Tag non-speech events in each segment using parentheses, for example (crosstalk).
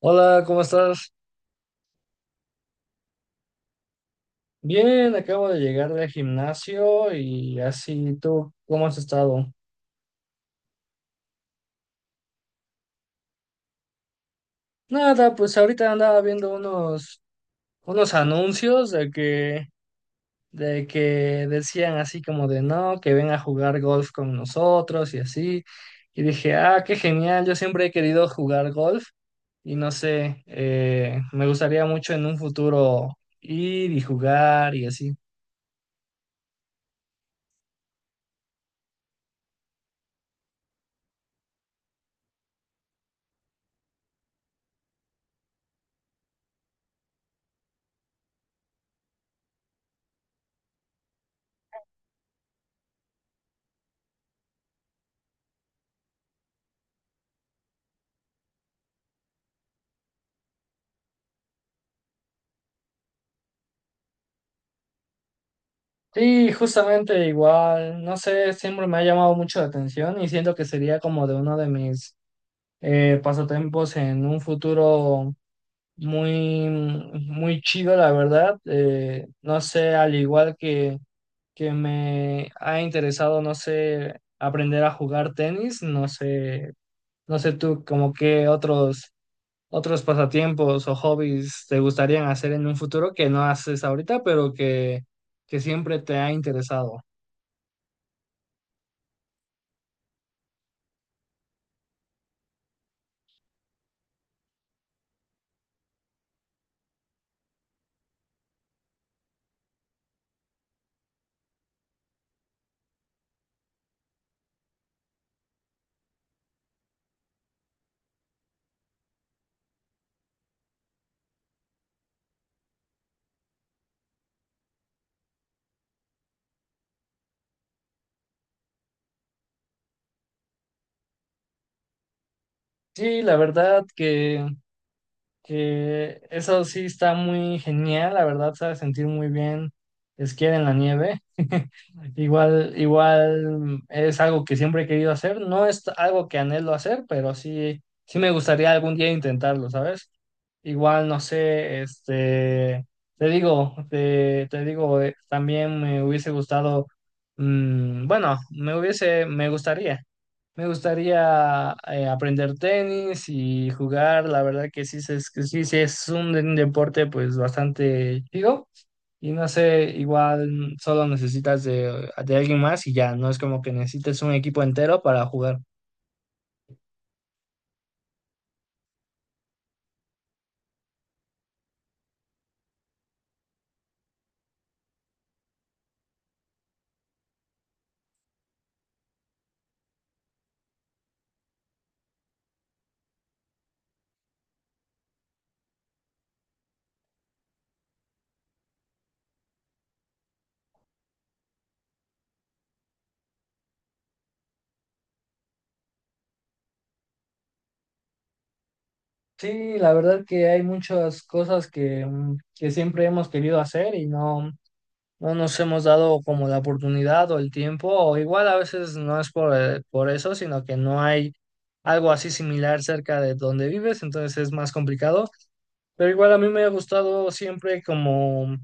Hola, ¿cómo estás? Bien, acabo de llegar del gimnasio y así tú, ¿cómo has estado? Nada, pues ahorita andaba viendo unos anuncios de que decían así como de no, que ven a jugar golf con nosotros y así. Y dije, ah, qué genial, yo siempre he querido jugar golf y no sé, me gustaría mucho en un futuro ir y jugar y así. Sí, justamente igual, no sé, siempre me ha llamado mucho la atención y siento que sería como de uno de mis pasatiempos en un futuro muy, muy chido, la verdad. No sé, que me ha interesado, no sé, aprender a jugar tenis, no sé, no sé tú como qué otros, otros pasatiempos o hobbies te gustarían hacer en un futuro que no haces ahorita, que siempre te ha interesado. Sí, que eso sí está muy genial, la verdad sabe sentir muy bien esquiar en la nieve. (laughs) Igual, igual es algo que siempre he querido hacer, no es algo que anhelo hacer, pero sí, sí me gustaría algún día intentarlo, ¿sabes? Igual, no sé, este, te digo, también me hubiese gustado, bueno, me hubiese, me gustaría. Me gustaría aprender tenis y jugar. La verdad que sí, sí es un deporte pues bastante chido. Y no sé, igual solo necesitas de alguien más y ya, no es como que necesites un equipo entero para jugar. Sí, la verdad que hay muchas cosas que, que siempre hemos querido hacer y no nos hemos dado como la oportunidad o el tiempo, o igual a veces no es por eso, sino que no hay algo así similar cerca de donde vives, entonces es más complicado, pero igual a mí me ha gustado siempre como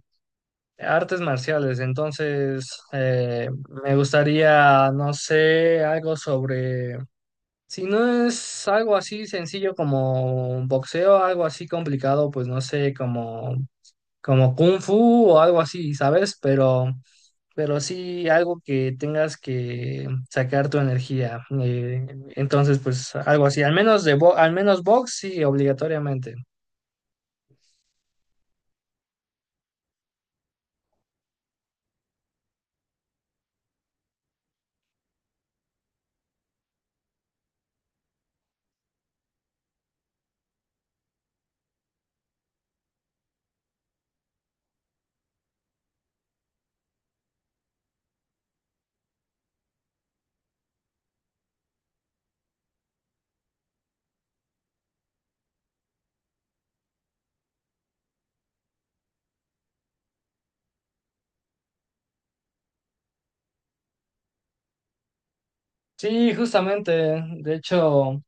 artes marciales, entonces me gustaría, no sé, algo sobre... Si no es algo así sencillo como boxeo, algo así complicado, pues no sé, como kung fu o algo así, ¿sabes? Pero sí algo que tengas que sacar tu energía. Entonces, pues algo así, al menos box, sí, obligatoriamente. Sí, justamente. De hecho.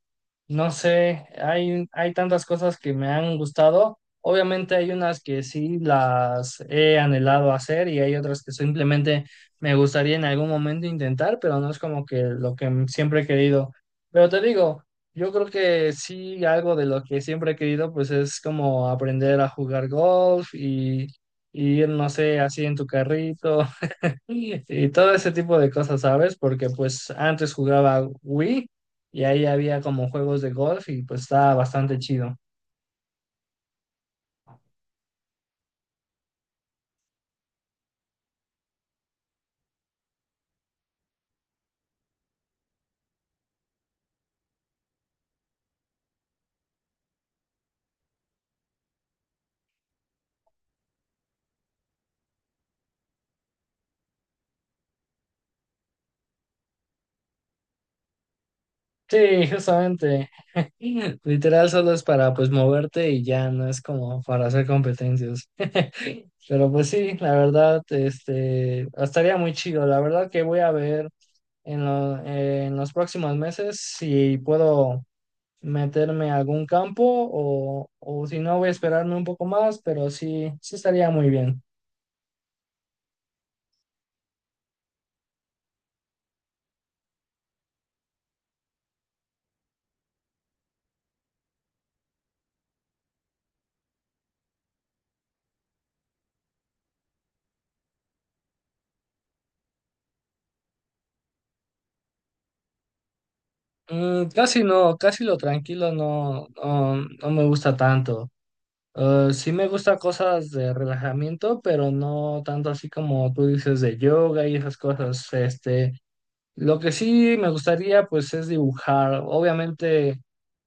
No sé, hay tantas cosas que me han gustado. Obviamente hay unas que sí las he anhelado hacer y hay otras que simplemente me gustaría en algún momento intentar, pero no es como que lo que siempre he querido. Pero te digo, yo creo que sí algo de lo que siempre he querido pues es como aprender a jugar golf, y ir, no sé, así en tu carrito y todo ese tipo de cosas, ¿sabes? Porque pues antes jugaba Wii y ahí había como juegos de golf y pues estaba bastante chido. Sí, justamente. (laughs) Literal solo es para pues moverte y ya no es como para hacer competencias. (laughs) Pero pues sí, la verdad, este, estaría muy chido. La verdad que voy a ver en los próximos meses si puedo meterme a algún campo o si no voy a esperarme un poco más, pero sí, sí estaría muy bien. Casi no, casi lo tranquilo no, no me gusta tanto. Sí me gusta cosas de relajamiento, pero no tanto así como tú dices de yoga y esas cosas. Este, lo que sí me gustaría pues es dibujar. Obviamente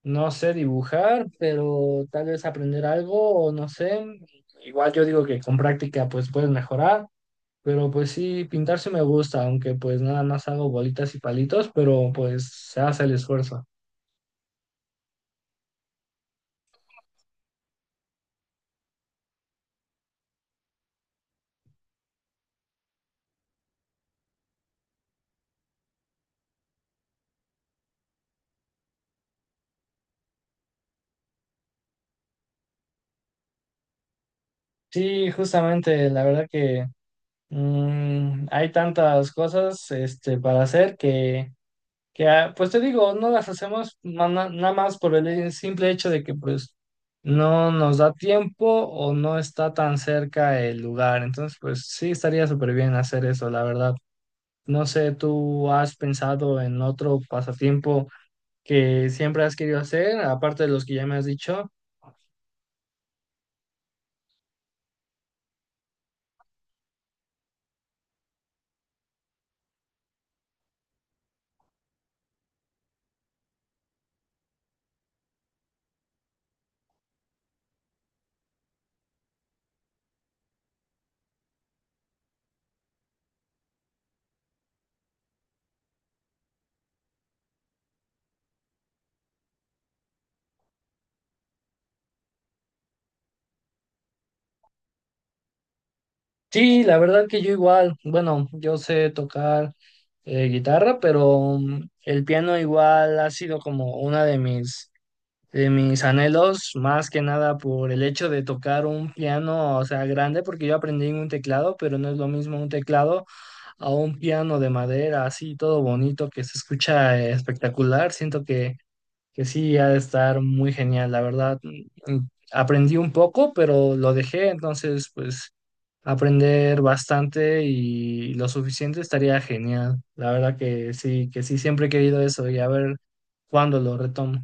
no sé dibujar, pero tal vez aprender algo o no sé. Igual yo digo que con práctica pues puedes mejorar. Pero pues sí, pintar sí me gusta, aunque pues nada más hago bolitas y palitos, pero pues se hace el esfuerzo. Sí, justamente, la verdad que, hay tantas cosas este, para hacer que, ah, pues te digo, no las hacemos nada más por el simple hecho de que pues no nos da tiempo o no está tan cerca el lugar. Entonces, pues sí, estaría súper bien hacer eso, la verdad. No sé, ¿tú has pensado en otro pasatiempo que siempre has querido hacer, aparte de los que ya me has dicho? Sí, la verdad que yo igual, bueno, yo sé tocar guitarra, pero el piano igual ha sido como una de de mis anhelos, más que nada por el hecho de tocar un piano, o sea, grande, porque yo aprendí en un teclado, pero no es lo mismo un teclado a un piano de madera, así todo bonito, que se escucha espectacular. Siento que sí ha de estar muy genial, la verdad. Mm, Aprendí un poco, pero lo dejé, entonces pues aprender bastante y lo suficiente estaría genial. La verdad que sí, siempre he querido eso y a ver cuándo lo retomo.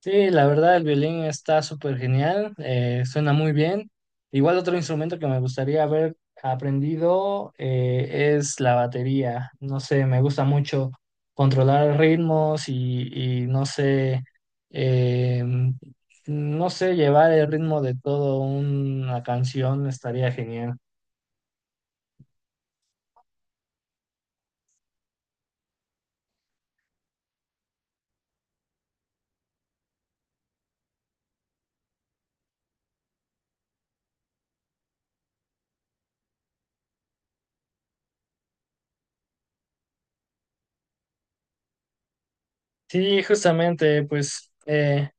Sí, la verdad, el violín está súper genial, suena muy bien. Igual otro instrumento que me gustaría haber aprendido es la batería. No sé, me gusta mucho controlar ritmos y no sé, eh, no sé, llevar el ritmo de toda una canción estaría genial. Sí, justamente, pues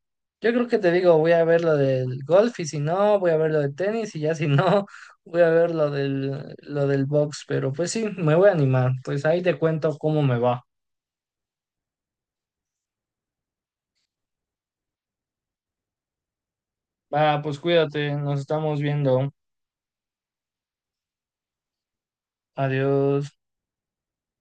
yo creo que te digo, voy a ver lo del golf y si no, voy a ver lo del tenis y ya si no, (laughs) voy a ver lo del box, pero pues sí, me voy a animar, pues ahí te cuento cómo me va. Va, pues cuídate, nos estamos viendo. Adiós.